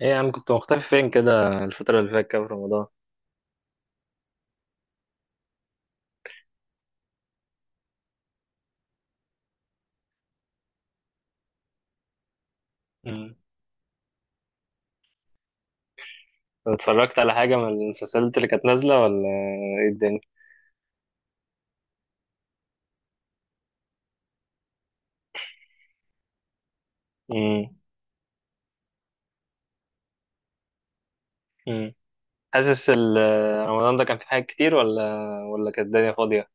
ايه يا عم، كنت مختفي فين كده الفترة اللي فاتت كده في رمضان؟ مم. اتفرجت على حاجة من المسلسلات اللي كانت نازلة ولا ايه الدنيا؟ مم. مم. حاسس رمضان ده كان في حاجات كتير ولا ولا كانت الدنيا فاضية؟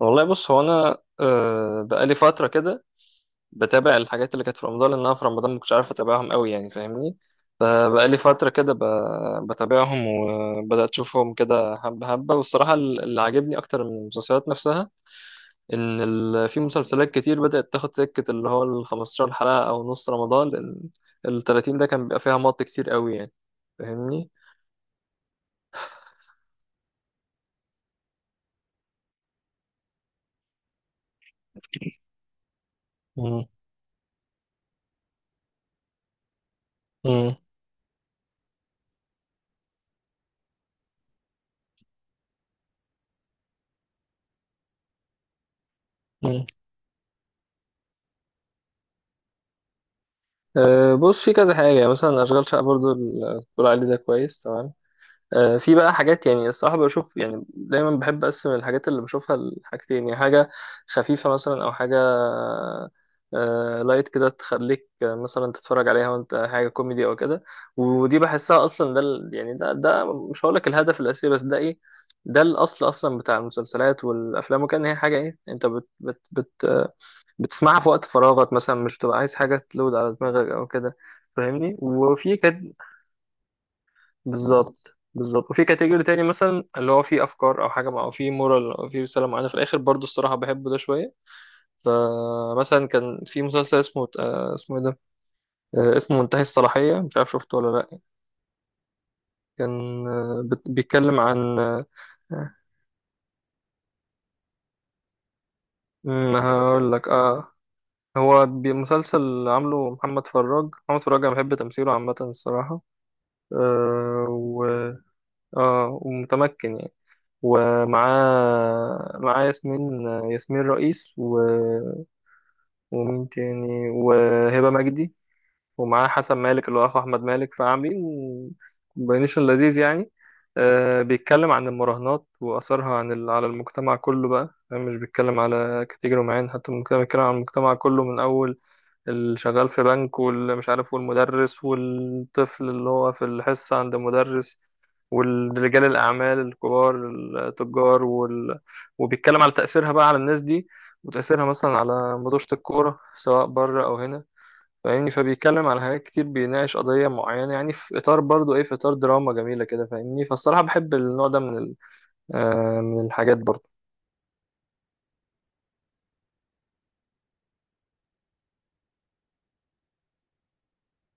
والله بص، هو انا بقالي فترة كده بتابع الحاجات اللي كانت في رمضان، لان انا في رمضان ما كنتش عارف اتابعهم قوي، يعني فاهمني. فبقالي فترة كده بتابعهم وبدأت اشوفهم كده حبة حبة. والصراحة اللي عاجبني اكتر من المسلسلات نفسها ان في مسلسلات كتير بدأت تاخد سكة اللي هو ال 15 حلقة او نص رمضان، لان ال 30 ده كان بيبقى فيها مط كتير قوي يعني، فاهمني. مم. مم. مم. أه بص، في كذا حاجة يعني، مثلا أشغال شقة برضو بتقول عليه ده، كويس تمام. في بقى حاجات يعني الصراحة بشوف، يعني دايما بحب أقسم الحاجات اللي بشوفها لحاجتين، يعني حاجة خفيفة مثلا أو حاجة لايت كده تخليك مثلا تتفرج عليها وأنت حاجة كوميدي أو كده. ودي بحسها أصلا ده يعني ده مش هقولك الهدف الأساسي، بس ده إيه؟ ده الأصل أصلا بتاع المسلسلات والأفلام، وكان هي حاجة إيه، أنت بت بت بت آه، بتسمعها في وقت فراغك مثلا، مش تبقى عايز حاجة تلود على دماغك أو كده، فاهمني. وفي كانت بالظبط بالظبط. وفي كاتيجوري تاني مثلا اللي هو فيه افكار او فيه مورال او فيه رساله معينه في الاخر، برضو الصراحه بحبه ده شويه. فمثلا كان في مسلسل اسمه آه، اسمه ايه ده آه، اسمه منتهي الصلاحيه، مش عارف شفته ولا لا. كان بيتكلم عن ما هقول لك. اه، هو مسلسل عامله محمد فراج. محمد فراج انا بحب تمثيله عامه الصراحه. آه و... اه، ومتمكن يعني. ومعاه ياسمين، ياسمين رئيس، ومين تاني، وهبة مجدي. ومعاه حسن مالك اللي هو أخو أحمد مالك. فعاملين كومبينيشن لذيذ يعني. آه، بيتكلم عن المراهنات وأثرها عن على المجتمع كله بقى، يعني مش بيتكلم على كاتيجوري معين حتى المجتمع، بيتكلم عن المجتمع كله، من أول اللي شغال في بنك واللي مش عارف والمدرس والطفل اللي هو في الحصة عند المدرس والرجال الأعمال الكبار، التجار وبيتكلم على تأثيرها بقى على الناس دي، وتأثيرها مثلا على مدرسة الكورة سواء بره أو هنا، فاهمني. فبيتكلم على حاجات كتير، بيناقش قضية معينة يعني، في إطار برضو إيه، في إطار دراما جميلة كده، فاهمني. فالصراحة بحب النوع ده من ال... آه من الحاجات برضو.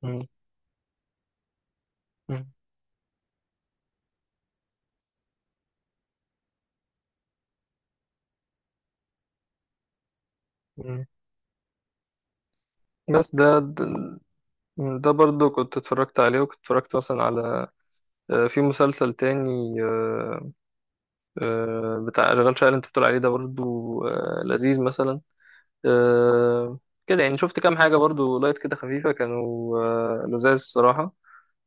م- م- م. بس ده ده برضو كنت اتفرجت عليه، وكنت اتفرجت مثلا على في مسلسل تاني بتاع شغال شقة اللي انت بتقول عليه ده برضو لذيذ مثلا. آه، كده يعني شفت كام حاجة برضو لايت كده خفيفة، كانوا لذاذ الصراحة.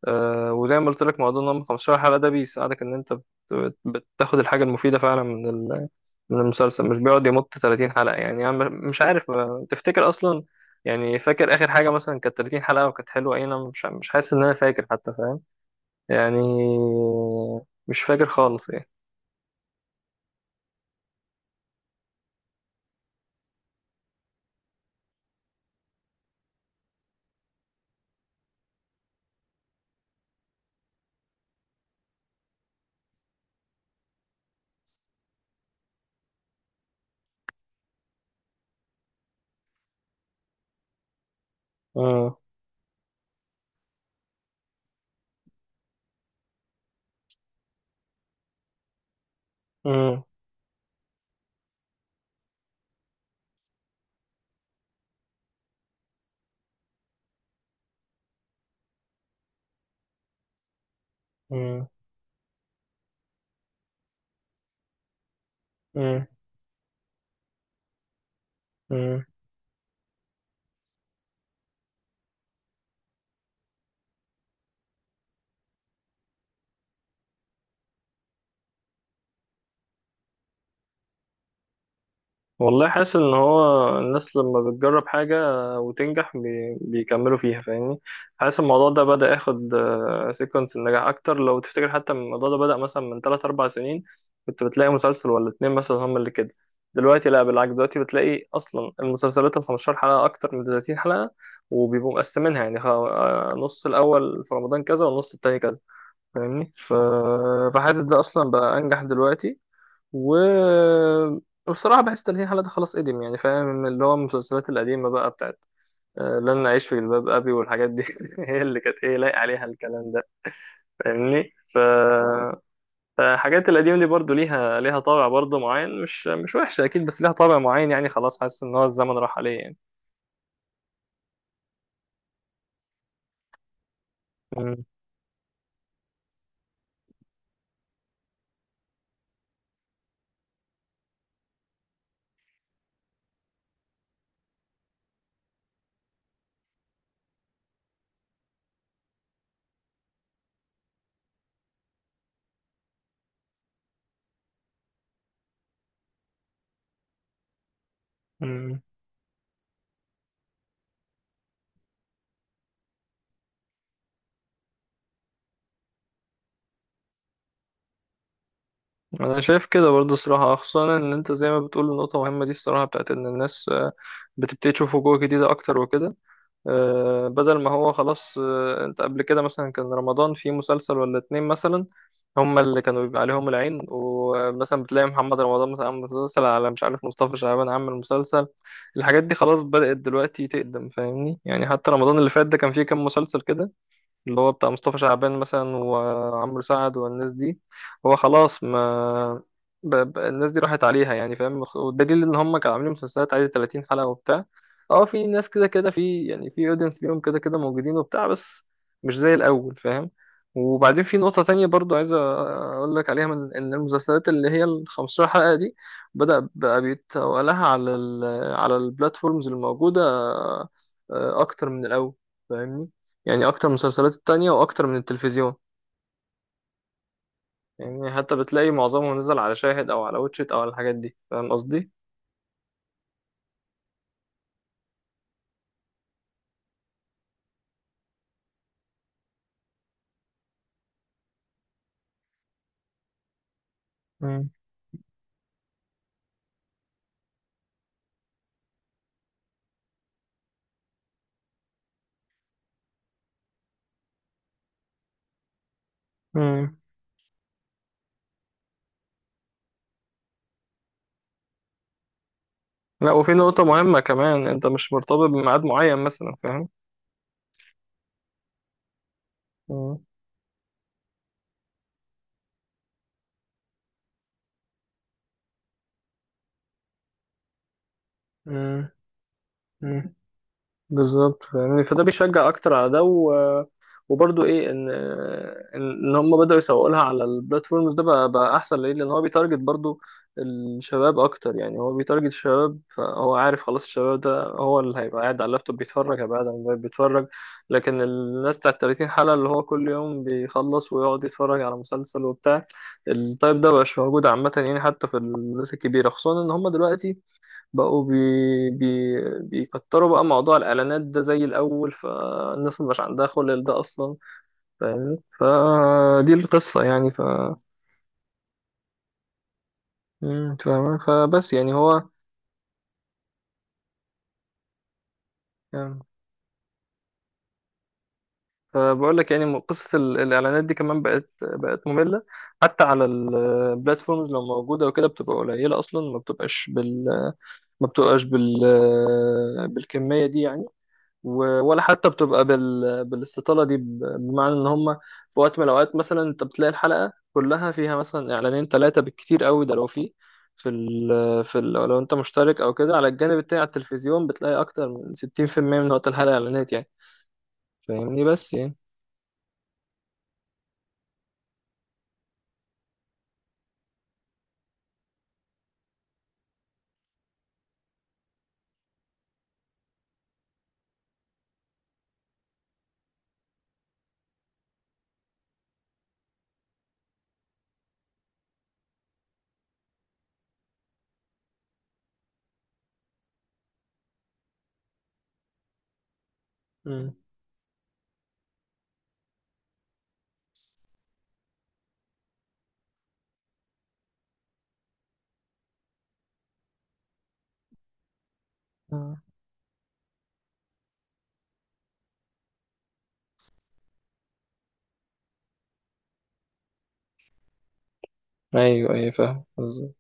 وزي ما قلت لك، موضوع ان هم 15 حلقة ده بيساعدك ان انت بتاخد الحاجة المفيدة فعلا من من المسلسل، مش بيقعد يمط 30 حلقة. يعني مش عارف تفتكر اصلا، يعني فاكر اخر حاجة مثلا كانت 30 حلقة وكانت حلوة ايه؟ انا مش حاسس ان انا فاكر حتى يعني، مش فاكر خالص يعني. مم. مم. مم. مم. مم. والله حاسس ان هو الناس لما بتجرب حاجة وتنجح بيكملوا فيها، فاهمني. حاسس الموضوع ده بدأ ياخد سيكونس النجاح اكتر. لو تفتكر حتى الموضوع ده بدأ مثلا من 3 4 سنين، كنت بتلاقي مسلسل ولا اتنين مثلا هم اللي كده. دلوقتي لا، بالعكس، دلوقتي بتلاقي اصلا المسلسلات ال 15 حلقة اكتر من 30 حلقة، وبيبقوا مقسمينها يعني، نص الاول في رمضان كذا والنص التاني كذا، فاهمني. فحاسس ده اصلا بقى انجح دلوقتي. و وبصراحة بحس تلهي حالة ده خلاص قديم يعني، فاهم، اللي هو المسلسلات القديمة بقى بتاعت لن أعيش في جلباب أبي والحاجات دي. هي اللي كانت إيه، لايق عليها الكلام ده، فاهمني. فالحاجات القديمة دي برضو ليها طابع برضو معين، مش وحشة أكيد، بس ليها طابع معين يعني، خلاص حاسس إن هو الزمن راح عليه يعني. مم. انا شايف كده برضه الصراحه، خصوصا ان انت زي ما بتقول نقطه مهمه دي الصراحه، بتاعت ان الناس بتبتدي تشوف وجوه جديده اكتر وكده، بدل ما هو خلاص. انت قبل كده مثلا كان رمضان فيه مسلسل ولا اتنين مثلا، هما اللي كانوا بيبقى عليهم العين، ومثلا بتلاقي محمد رمضان مثلا عامل مسلسل، على مش عارف مصطفى شعبان عامل مسلسل. الحاجات دي خلاص بدأت دلوقتي تقدم، فاهمني. يعني حتى رمضان اللي فات ده كان فيه كام مسلسل كده اللي هو بتاع مصطفى شعبان مثلا وعمرو سعد والناس دي، هو خلاص ما الناس دي راحت عليها يعني، فاهم. والدليل ان هم كانوا عاملين مسلسلات عادي 30 حلقة وبتاع. اه، في ناس كده كده، في يعني في اودينس ليهم كده كده موجودين وبتاع، بس مش زي الاول، فاهم. وبعدين في نقطة تانية برضو عايز أقول لك عليها، من إن المسلسلات اللي هي ال 15 حلقة دي بدأ بقى بيتوالها على على البلاتفورمز الموجودة أكتر من الأول، فاهمني. يعني اكتر من المسلسلات التانية واكتر من التلفزيون. يعني حتى بتلاقي معظمهم نزل على شاهد او على واتشيت او على الحاجات دي، فاهم قصدي. مم. مم. لا، وفي نقطة مهمة كمان، انت مش مرتبط بميعاد معين مثلا، فاهم. مم. مم. بالظبط. يعني فده بيشجع اكتر على ده وبرضه ايه، ان إن هم بداوا يسوقوا لها على البلاتفورمز ده بقى، بقى احسن ليه، لان هو بيتارجت برضه الشباب اكتر. يعني هو بيتارجت الشباب، فهو عارف خلاص الشباب ده هو اللي هيبقى قاعد على اللابتوب بيتفرج، هيبقى قاعد على الموبايل بيتفرج. لكن الناس بتاع 30 حلقة اللي هو كل يوم بيخلص ويقعد يتفرج على مسلسل وبتاع، التايب ده مبقاش موجود عامة يعني. حتى في الناس الكبيرة، خصوصا ان هم دلوقتي بقوا بيكتروا بقى موضوع الإعلانات ده زي الأول، فالناس مبقاش عندها خلل ده أصلا، فاهمني. فدي القصة يعني مم، فاهمة. فبس يعني هو، يعني فبقول لك يعني، قصة الإعلانات دي كمان بقت مملة. حتى على البلاتفورمز لو موجودة وكده بتبقى قليلة أصلا، ما بتبقاش ما بتبقاش بال بالكمية دي يعني. ولا حتى بتبقى بالاستطالة دي، بمعنى ان هم في وقت من الاوقات مثلا انت بتلاقي الحلقة كلها فيها مثلا اعلانين ثلاثة بالكتير قوي. ده لو في لو انت مشترك او كده، على الجانب التاني على التلفزيون بتلاقي اكتر من 60% من وقت الحلقة اعلانات يعني، فاهمني بس يعني. امم، ايوه ايوه فاهم.